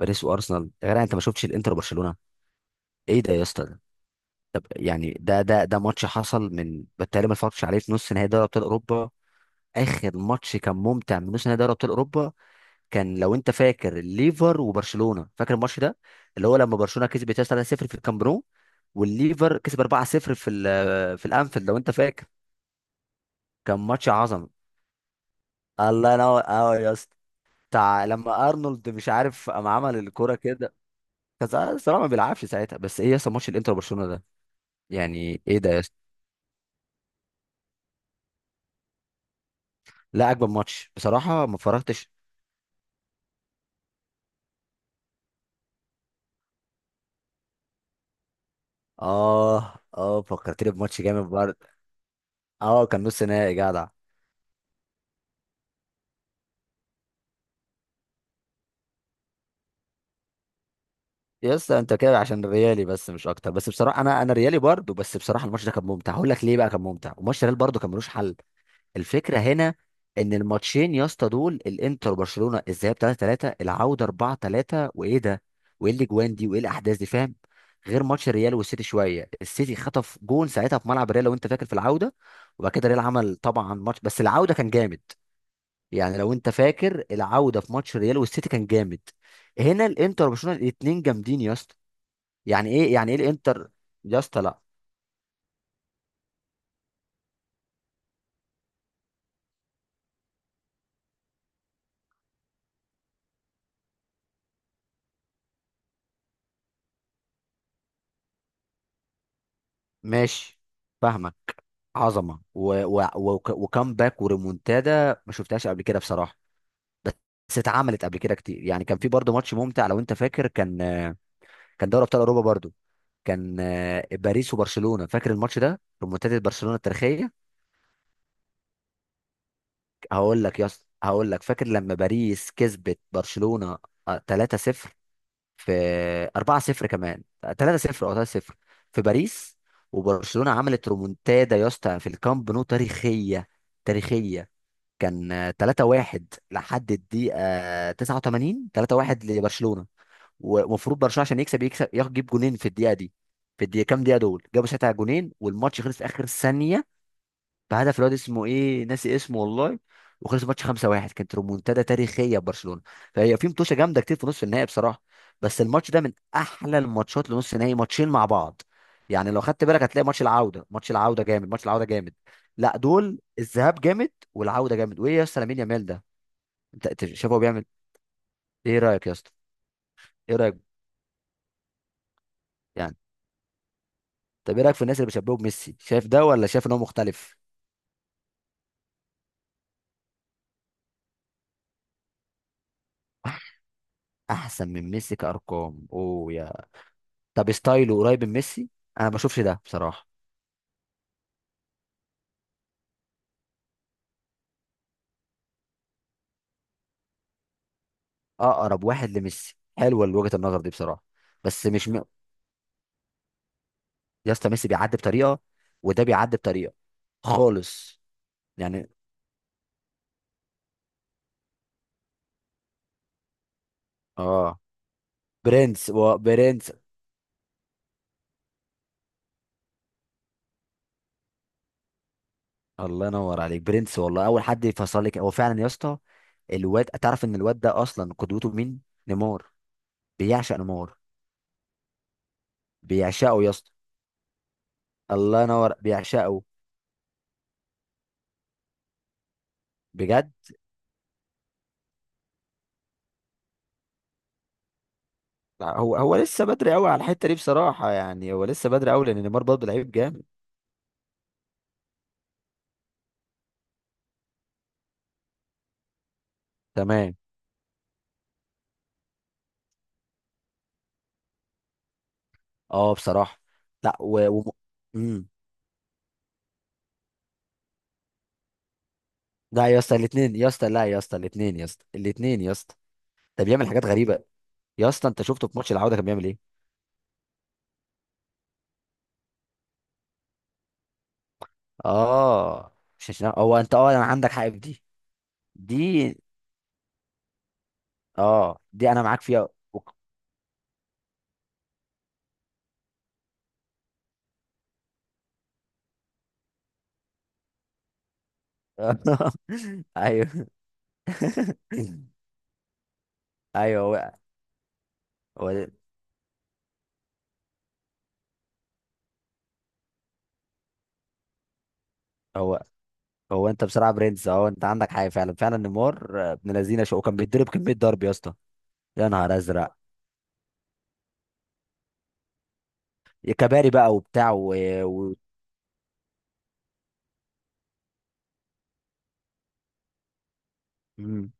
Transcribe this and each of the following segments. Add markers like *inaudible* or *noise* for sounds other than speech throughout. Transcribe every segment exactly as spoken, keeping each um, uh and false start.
باريس وارسنال يا جدع، انت ما شفتش الانتر وبرشلونه؟ ايه ده يا اسطى ده طب يعني ده ده ده ماتش حصل، من بالتالي ما اتفرجتش عليه في نص نهائي دوري ابطال اوروبا. اخر ماتش كان ممتع من نص نهائي دوري ابطال اوروبا. كان لو انت فاكر الليفر وبرشلونه، فاكر الماتش ده؟ اللي هو لما برشلونه كسبت يا اسطى ثلاثة صفر في الكامب نو، والليفر كسب اربعة صفر في ال- في الانفيلد لو انت فاكر. كان ماتش عظمه. الله ينور اه يا اسطى. بتاع لما ارنولد مش عارف قام عمل الكوره كده. كان الصراحه ما بيلعبش ساعتها، بس ايه يا اسطى ماتش الانتر وبرشلونه ده؟ يعني ايه ده يا اسطى؟ لا، اجمل ماتش بصراحه ما اتفرجتش. اه، اه، فكرتني بماتش جامد برضه. اه، كان نص نهائي جدع. يا اسطى انت كده عشان ريالي بس مش اكتر، بس بصراحه انا انا ريالي برضه، بس بصراحه الماتش ده كان ممتع. هقول لك ليه بقى كان ممتع، وماتش ريال برضه كان ملوش حل. الفكره هنا ان الماتشين يا اسطى دول الانتر وبرشلونه، الذهاب ثلاثة ثلاثة، العوده اربعة ثلاثة، وايه ده وايه الاجوان دي وايه الاحداث دي فاهم؟ غير ماتش الريال والسيتي، شويه السيتي خطف جون ساعتها في ملعب الريال لو انت فاكر في العوده، وبعد كده الريال عمل طبعا ماتش، بس العوده كان جامد. يعني لو انت فاكر العوده في ماتش الريال والسيتي كان جامد. هنا الانتر وبرشلونه الاتنين جامدين يا اسطى. يعني ايه يعني ايه الانتر؟ يا اسطى لا. ماشي، فاهمك. عظمه و... و... و... وكامباك وريمونتادا ما شفتهاش قبل كده بصراحه. بس اتعملت قبل كده كتير، يعني كان في برضه ماتش ممتع لو انت فاكر. كان كان دوري ابطال اوروبا برضه. كان آه، باريس وبرشلونه، فاكر الماتش ده ريمونتادا برشلونه التاريخيه؟ هقول لك يا اسطى، هقول لك، فاكر لما باريس كسبت برشلونه آه، ثلاثة صفر؟ في اربعة صفر كمان. ثلاثة صفر او ثلاثة صفر في باريس. وبرشلونه عملت ريمونتادا يا اسطى في الكامب نو تاريخيه. تاريخيه. كان ثلاثة واحد لحد الدقيقة تسعة وتمانين، ثلاثة واحد لبرشلونة. ومفروض برشلونة عشان يكسب يكسب ياخد- يجيب جونين في الدقيقة دي. في الدقيقة كام، دقيقة دول جابوا ساعتها جونين، والماتش خلص في آخر ثانية بهدف الواد اسمه ايه، ناسي اسمه والله. وخلص الماتش خمسة واحد، كانت ريمونتادا تاريخيه لبرشلونه. فهي في متوشه جامده كتير في نص النهائي بصراحه. بس الماتش ده من احلى الماتشات لنص النهائي، ماتشين مع بعض. يعني لو خدت بالك هتلاقي ماتش العوده، ماتش العوده جامد، ماتش العوده جامد. لا، دول الذهاب جامد والعوده جامد. وايه يا اسطى لامين يامال ده؟ انت أنت شايف هو بيعمل ايه إيه رايك يا اسطى؟ ايه رايك؟ يعني طب ايه رايك في الناس اللي بيشبهوا بميسي، شايف ده ولا شايف ان هو مختلف؟ *laughs* احسن من ميسي كارقام! اوه يا... طب ستايله قريب من ميسي؟ انا ما بشوفش ده بصراحه. اقرب واحد لميسي، حلوه وجهه النظر دي بصراحه. بس مش م... يا اسطى ميسي بيعدي بطريقه، وده بيعدي بطريقه خالص. يعني اه، برنس و... برنس. الله ينور عليك، برنس والله، اول حد يفصل لك هو فعلا يا اسطى. الواد، تعرف ان الواد ده اصلا قدوته مين؟ نيمار. بيعشق نيمار. بيعشقه يا اسطى. الله ينور، بيعشقه. بجد. لا، هو هو لسه بدري قوي على الحته دي بصراحه. يعني هو لسه بدري قوي لان نيمار برضه لعيب جامد. تمام، اه، بصراحه. لا و... و... مم. لا يا اسطى الاثنين، يا اسطى لا، يا اسطى الاثنين، يا اسطى الاثنين، يا اسطى. ده بيعمل حاجات غريبه. يا اسطى انت شفته في ماتش العوده كان بيعمل ايه؟ اه، مش عشان هو، انت، اه انا عندك حق في دي. دي. اه، دي انا معاك فيها. وك- *laughs* ايوه. *laughs* ايوه هو. هو هو هو انت بصراحه برنس اهو. انت عندك حاجه فعلا، فعلا. نيمار آه، ابن لذينه شو، كان بيتضرب كميه ضرب يا اسطى. يا نهار ازرق! كباري بقى وبتاع و... و... مم.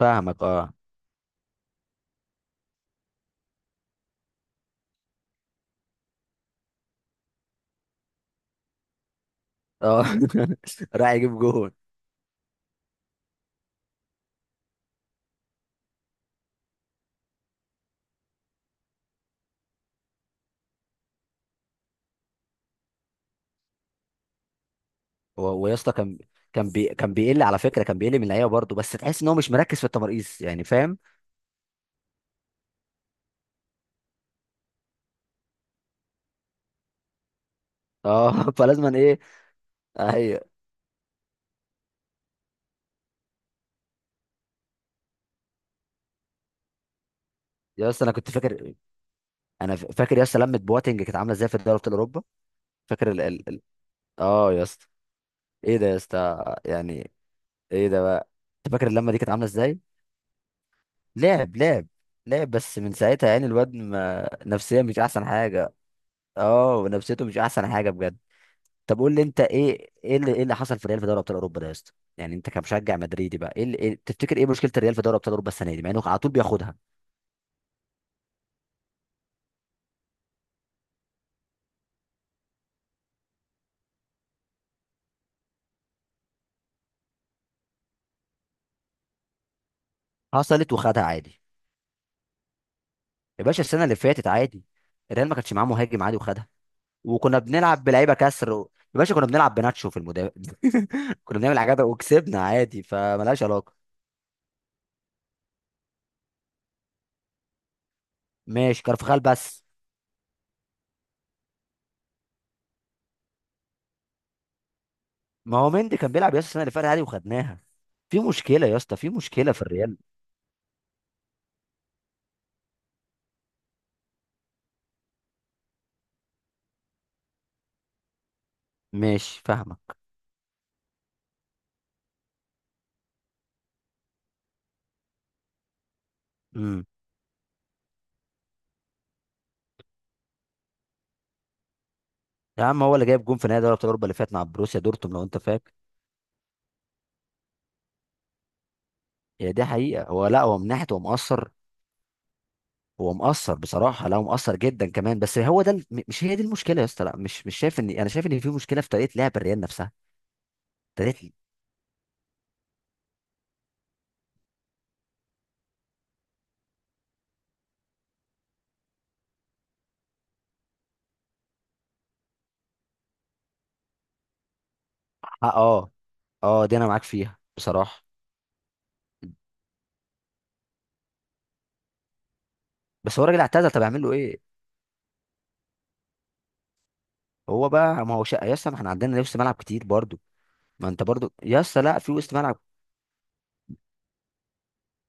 فاهمك اه، اه. *laughs* راح يجيب جون. و- ويا اسطى كان، كان بي... كان بيقل على فكره، كان بيقل من اللعيبه برضه، بس تحس ان هو مش مركز في التماريز يعني فاهم؟ اه، *laughs* فلازم ايه. ايوه. يا اسطى انا كنت فاكر، انا ف- فاكر يا اسطى لمه بواتنج كانت عامله ازاي في دوري ابطال اوروبا. فاكر ال... ال... ال... اه يا اسطى. ايه ده يا اسطى يعني؟ ايه ده بقى؟ انت فاكر اللمه دي كانت عامله ازاي؟ لعب لعب. لعب، بس من ساعتها يعني الواد ما... نفسيا مش احسن حاجه. اه، ونفسيته مش احسن حاجه بجد. طب قول لي انت ايه ايه اللي, ايه اللي حصل في الريال في دوري ابطال اوروبا ده يا اسطى؟ يعني انت كمشجع مدريدي بقى، ايه اللي إيه تفتكر ايه مشكله الريال في دوري ابطال اوروبا السنه دي مع انه على طول بياخدها؟ حصلت وخدها عادي. يا باشا السنه اللي فاتت عادي، الريال ما كانش معاه مهاجم عادي وخدها. وكنا بنلعب بلعيبه كسر و... يا باشا كنا بنلعب بناتشو في المدافع. *laughs* كنا بنعمل حاجات وكسبنا عادي، فملهاش علاقه. ماشي كارفخال بس. ما هو مندي كان بيلعب يا اسطى السنه اللي فاتت عادي وخدناها. في مشكله يا اسطى، في مشكله في الريال. ماشي، فاهمك. مم. يا عم هو اللي جايب جون في نهائي دوري ابطال اوروبا اللي فات مع بروسيا دورتموند لو انت فاكر. هي دي حقيقه. هو لا، هو من ناحيه هو مقصر. هو مقصر بصراحه، لا هو مقصر جدا كمان، بس هو ده ال- م- مش هي دي المشكله يا اسطى. لا، مش مش شايف، ان انا شايف ان في مشكله في طريقه لعب الريال نفسها. طريقه. اه، اه، آه، دي انا معاك فيها بصراحه. بس هو راجل اعتزل، طب اعمل له ايه؟ هو بقى، ما هو شقه يا اسطى. ما احنا عندنا وسط ملعب كتير برضو. ما انت برضو يا اسطى لا، في وسط ملعب.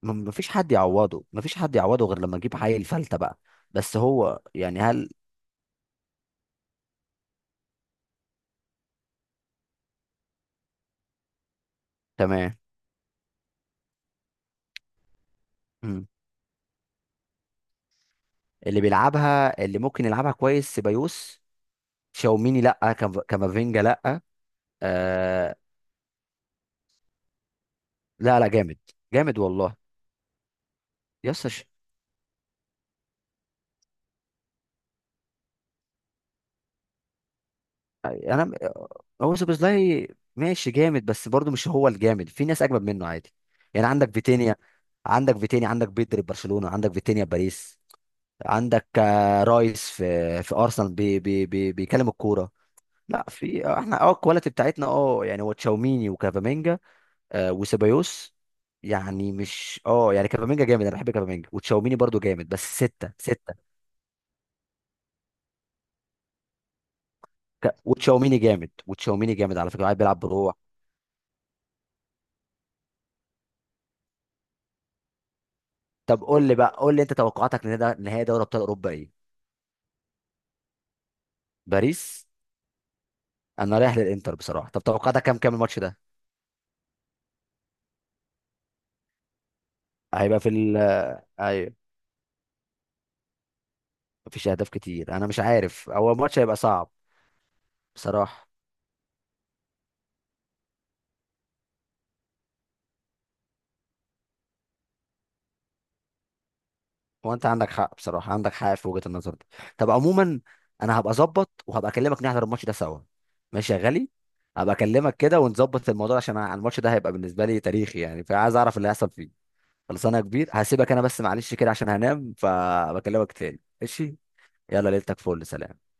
ما ما فيش حد يعوضه، ما فيش حد يعوضه غير لما نجيب حي الفلته بقى. بس هو يعني هل... تمام. اللي بيلعبها، اللي ممكن يلعبها كويس سيبايوس. شاوميني لا، كام- كامافينجا لا. آه. لا، لا، جامد. جامد والله. يس ش... انا م- هو سوبوزلاي. ماشي جامد، بس برضه مش هو الجامد، في ناس اجمد منه عادي. يعني عندك فيتينيا. عندك فيتينيا، عندك بيدري في برشلونة، عندك فيتينيا في باريس. عندك آه، رايس في في ارسنال بي بي بي بيكلم الكوره. لا، في آه، احنا اه الكواليتي بتاعتنا، اه يعني هو تشاوميني وكافامينجا. آه، وسيبايوس. يعني مش اه يعني كافامينجا جامد، انا بحب كافامينجا، وتشاوميني برضو جامد، بس ستة ستة. ك... وتشاوميني جامد، وتشاوميني جامد على فكرة، قاعد بيلعب بروح. طب قول لي بقى، قول لي انت توقعاتك لنهائي نهائي دوري ابطال اوروبا ايه؟ باريس. انا رايح للانتر بصراحة. طب توقعاتك كام، كام الماتش ده؟ هيبقى في ال آه، ايوه. مفيش اهداف كتير، انا مش عارف، هو الماتش هيبقى صعب بصراحة. هو انت عندك حق بصراحه، عندك حق في وجهه النظر دي. طب عموما، انا هبقى اظبط وهبقى اكلمك نحضر الماتش ده سوا. ماشي يا غالي. هبقى اكلمك كده ونظبط الموضوع عشان أنا- الماتش ده هيبقى بالنسبه لي تاريخي، يعني فعايز اعرف اللي هيحصل فيه. خلصانه يا كبير، هسيبك انا بس معلش كده عشان هنام، فبكلمك تاني ماشي. يلا، ليلتك فل، سلام.